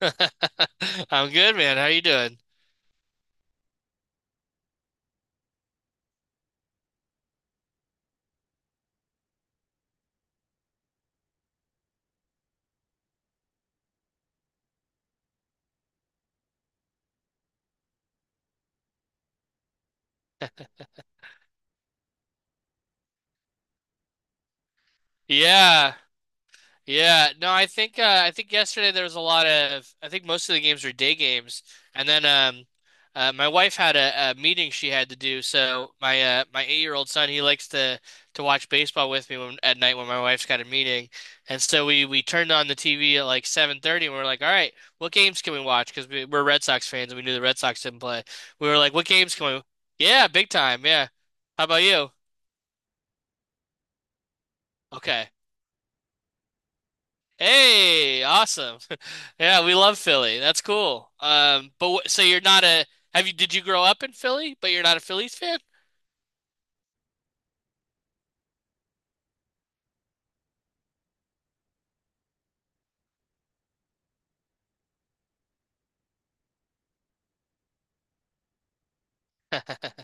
I'm good, man. How you doing? Yeah. No, I think yesterday there was a lot of I think most of the games were day games. And then my wife had a meeting she had to do. So my eight-year-old son, he likes to watch baseball with me when, at night when my wife's got a meeting. And so we turned on the TV at like 7:30 and we are like, "All right, what games can we watch?" Because we're Red Sox fans and we knew the Red Sox didn't play. We were like, "What games can we?" Yeah, big time. Yeah. How about you? Okay. Hey, awesome. Yeah, we love Philly. That's cool. But you're not a have you did you grow up in Philly, but you're not a Phillies fan?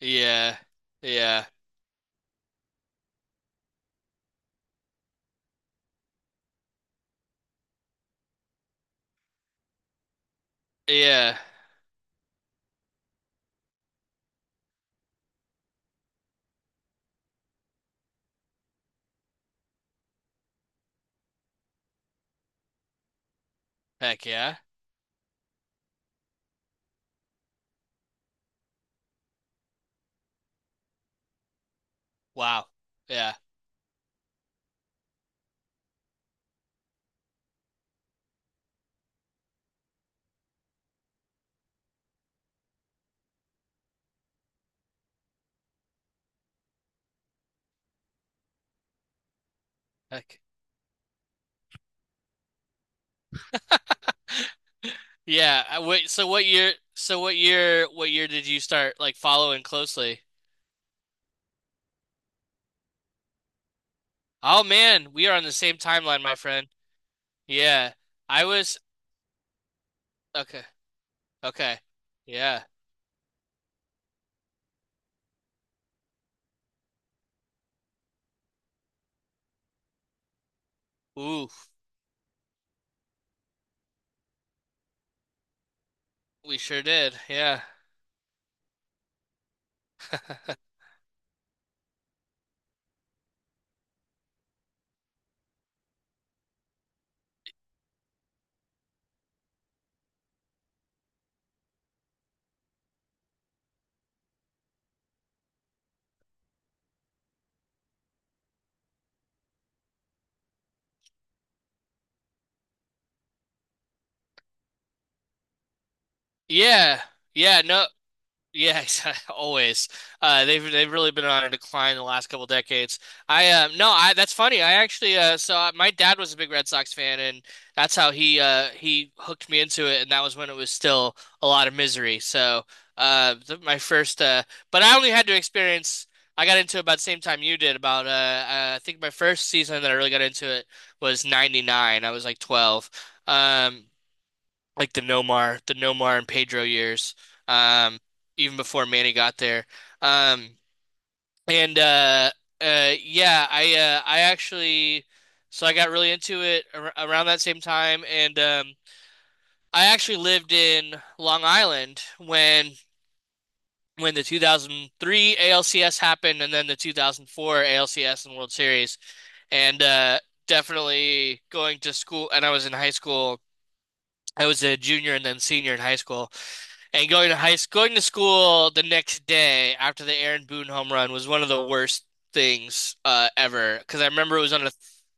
Yeah. Yeah. Yeah. Heck yeah. Wow. Yeah. Heck. Yeah. Wait, so what year did you start following closely? Oh man, we are on the same timeline, my friend. Yeah. I was okay. Okay. Yeah. Ooh, we sure did. Yeah. Yeah. Yeah, no, yeah, always. They've really been on a decline the last couple decades. I no, I That's funny. I actually so I, My dad was a big Red Sox fan, and that's how he hooked me into it, and that was when it was still a lot of misery. So th my first but I only had to experience. I got into it about the same time you did. About I think my first season that I really got into it was '99. I was like 12. Um like the Nomar and Pedro years, um, even before Manny got there. Um, and Yeah, I actually, so I got really into it ar around that same time, and I actually lived in Long Island when the 2003 ALCS happened, and then the 2004 ALCS and World Series, and definitely going to school, and I was in high school. I was a junior and then senior in high school. And going to school the next day after the Aaron Boone home run was one of the worst things ever. Because I remember it was on a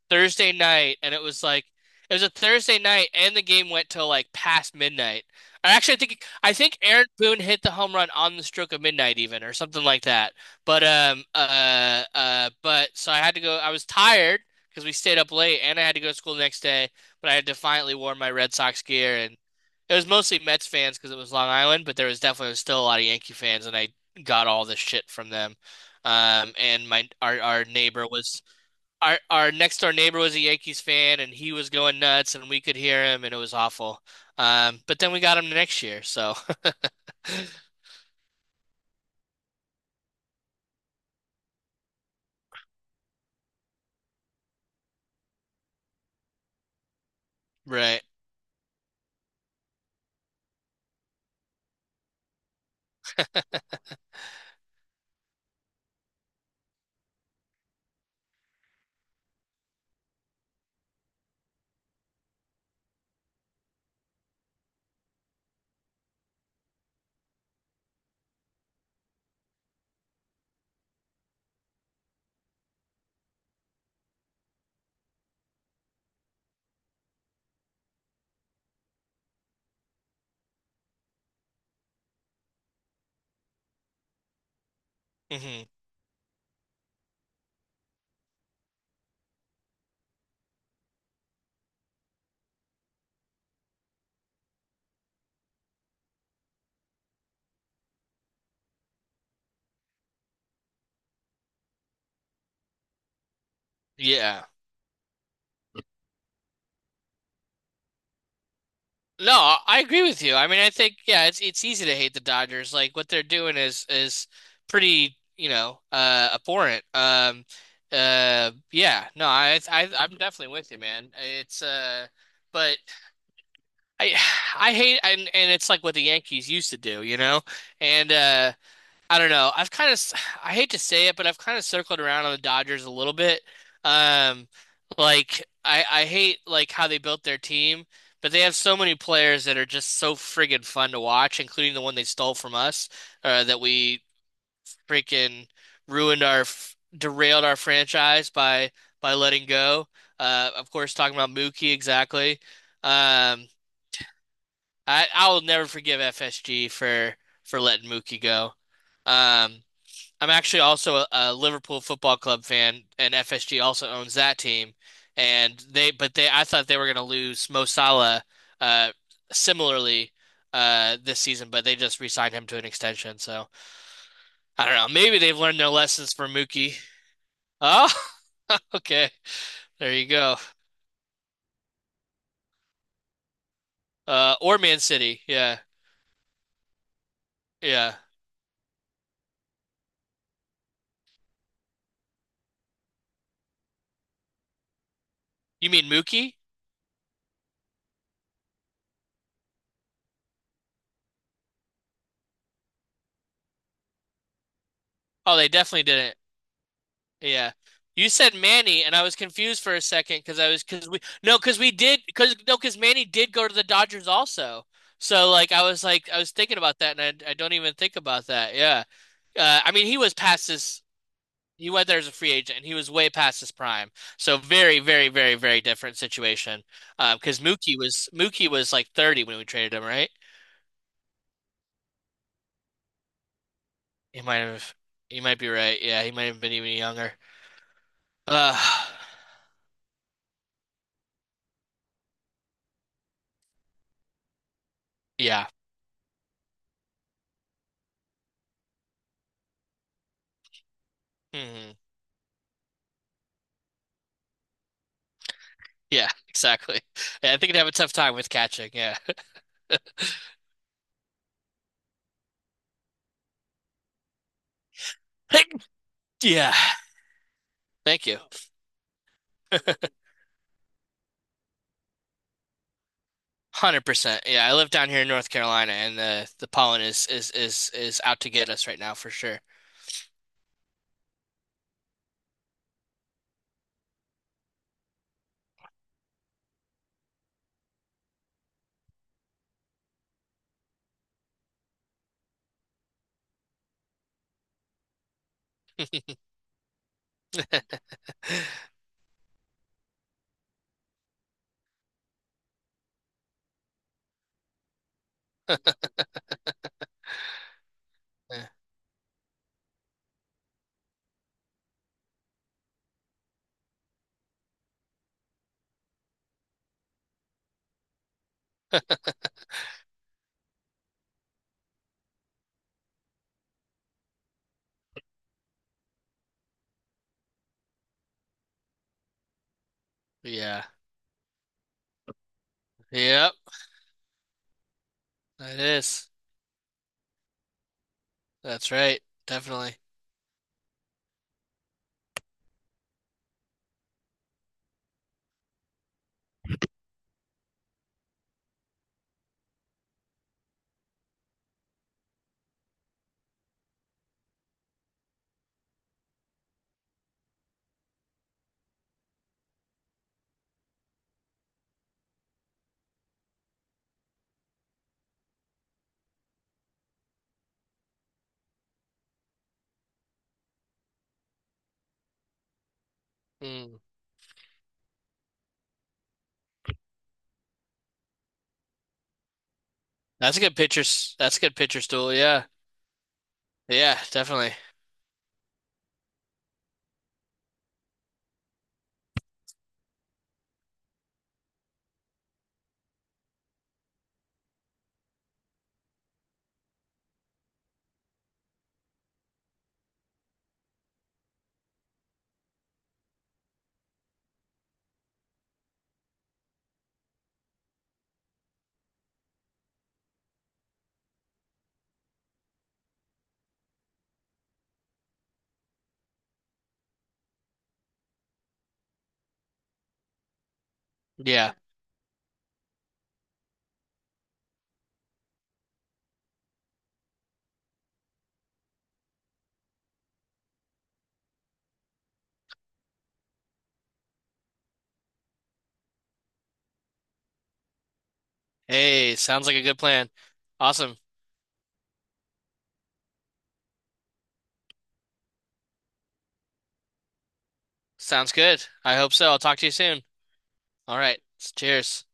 Thursday night, and it was a Thursday night, and the game went till like past midnight. I think Aaron Boone hit the home run on the stroke of midnight, even or something like that. But so I had to go. I was tired because we stayed up late, and I had to go to school the next day. But I had defiantly wore my Red Sox gear, and it was mostly Mets fans because it was Long Island, but there was definitely still a lot of Yankee fans, and I got all this shit from them. And my our neighbor was our next door neighbor was a Yankees fan, and he was going nuts, and we could hear him, and it was awful. But then we got him next year, so right, hmm yeah. No, I agree with you. I mean, I think yeah, it's easy to hate the Dodgers. Like what they're doing is pretty, you know, abhorrent. Yeah, no, I'm definitely with you, man. It's but I I hate, and it's like what the Yankees used to do, you know? And I don't know. I've kind of, I hate to say it, but I've kind of circled around on the Dodgers a little bit. Um, like I hate like how they built their team, but they have so many players that are just so friggin' fun to watch, including the one they stole from us, that we freaking derailed our franchise by letting go. Of course, talking about Mookie exactly. Um, I will never forgive FSG for letting Mookie go. Um, I'm actually also a Liverpool Football Club fan, and FSG also owns that team. And I thought they were going to lose Mo Salah, uh, similarly, this season, but they just re-signed him to an extension. So I don't know. Maybe they've learned their lessons from Mookie. Oh, okay. There you go. Or Man City. Yeah, yeah. You mean Mookie? Oh, they definitely didn't. Yeah. You said Manny, and I was confused for a second because I was because we no because we did because no because Manny did go to the Dodgers also. So I was thinking about that, and I don't even think about that. Yeah. I mean he was past his, he went there as a free agent, and he was way past his prime. So very very very very different situation. Because Mookie was like 30 when we traded him, right? He might have You might be right. Yeah, he might have been even younger. Uh, yeah. Hmm. Yeah, exactly. Yeah, I think I'd have a tough time with catching. Yeah. Yeah. Thank you. 100%. Yeah, I live down here in North Carolina, and the pollen is out to get us right now for sure. Yeah. Yeah. Yep. It is. That's right. Definitely. Mm. That's a good pitcher. That's a good pitcher stool. Yeah. Yeah, definitely. Yeah. Hey, sounds like a good plan. Awesome. Sounds good. I hope so. I'll talk to you soon. All right. Cheers.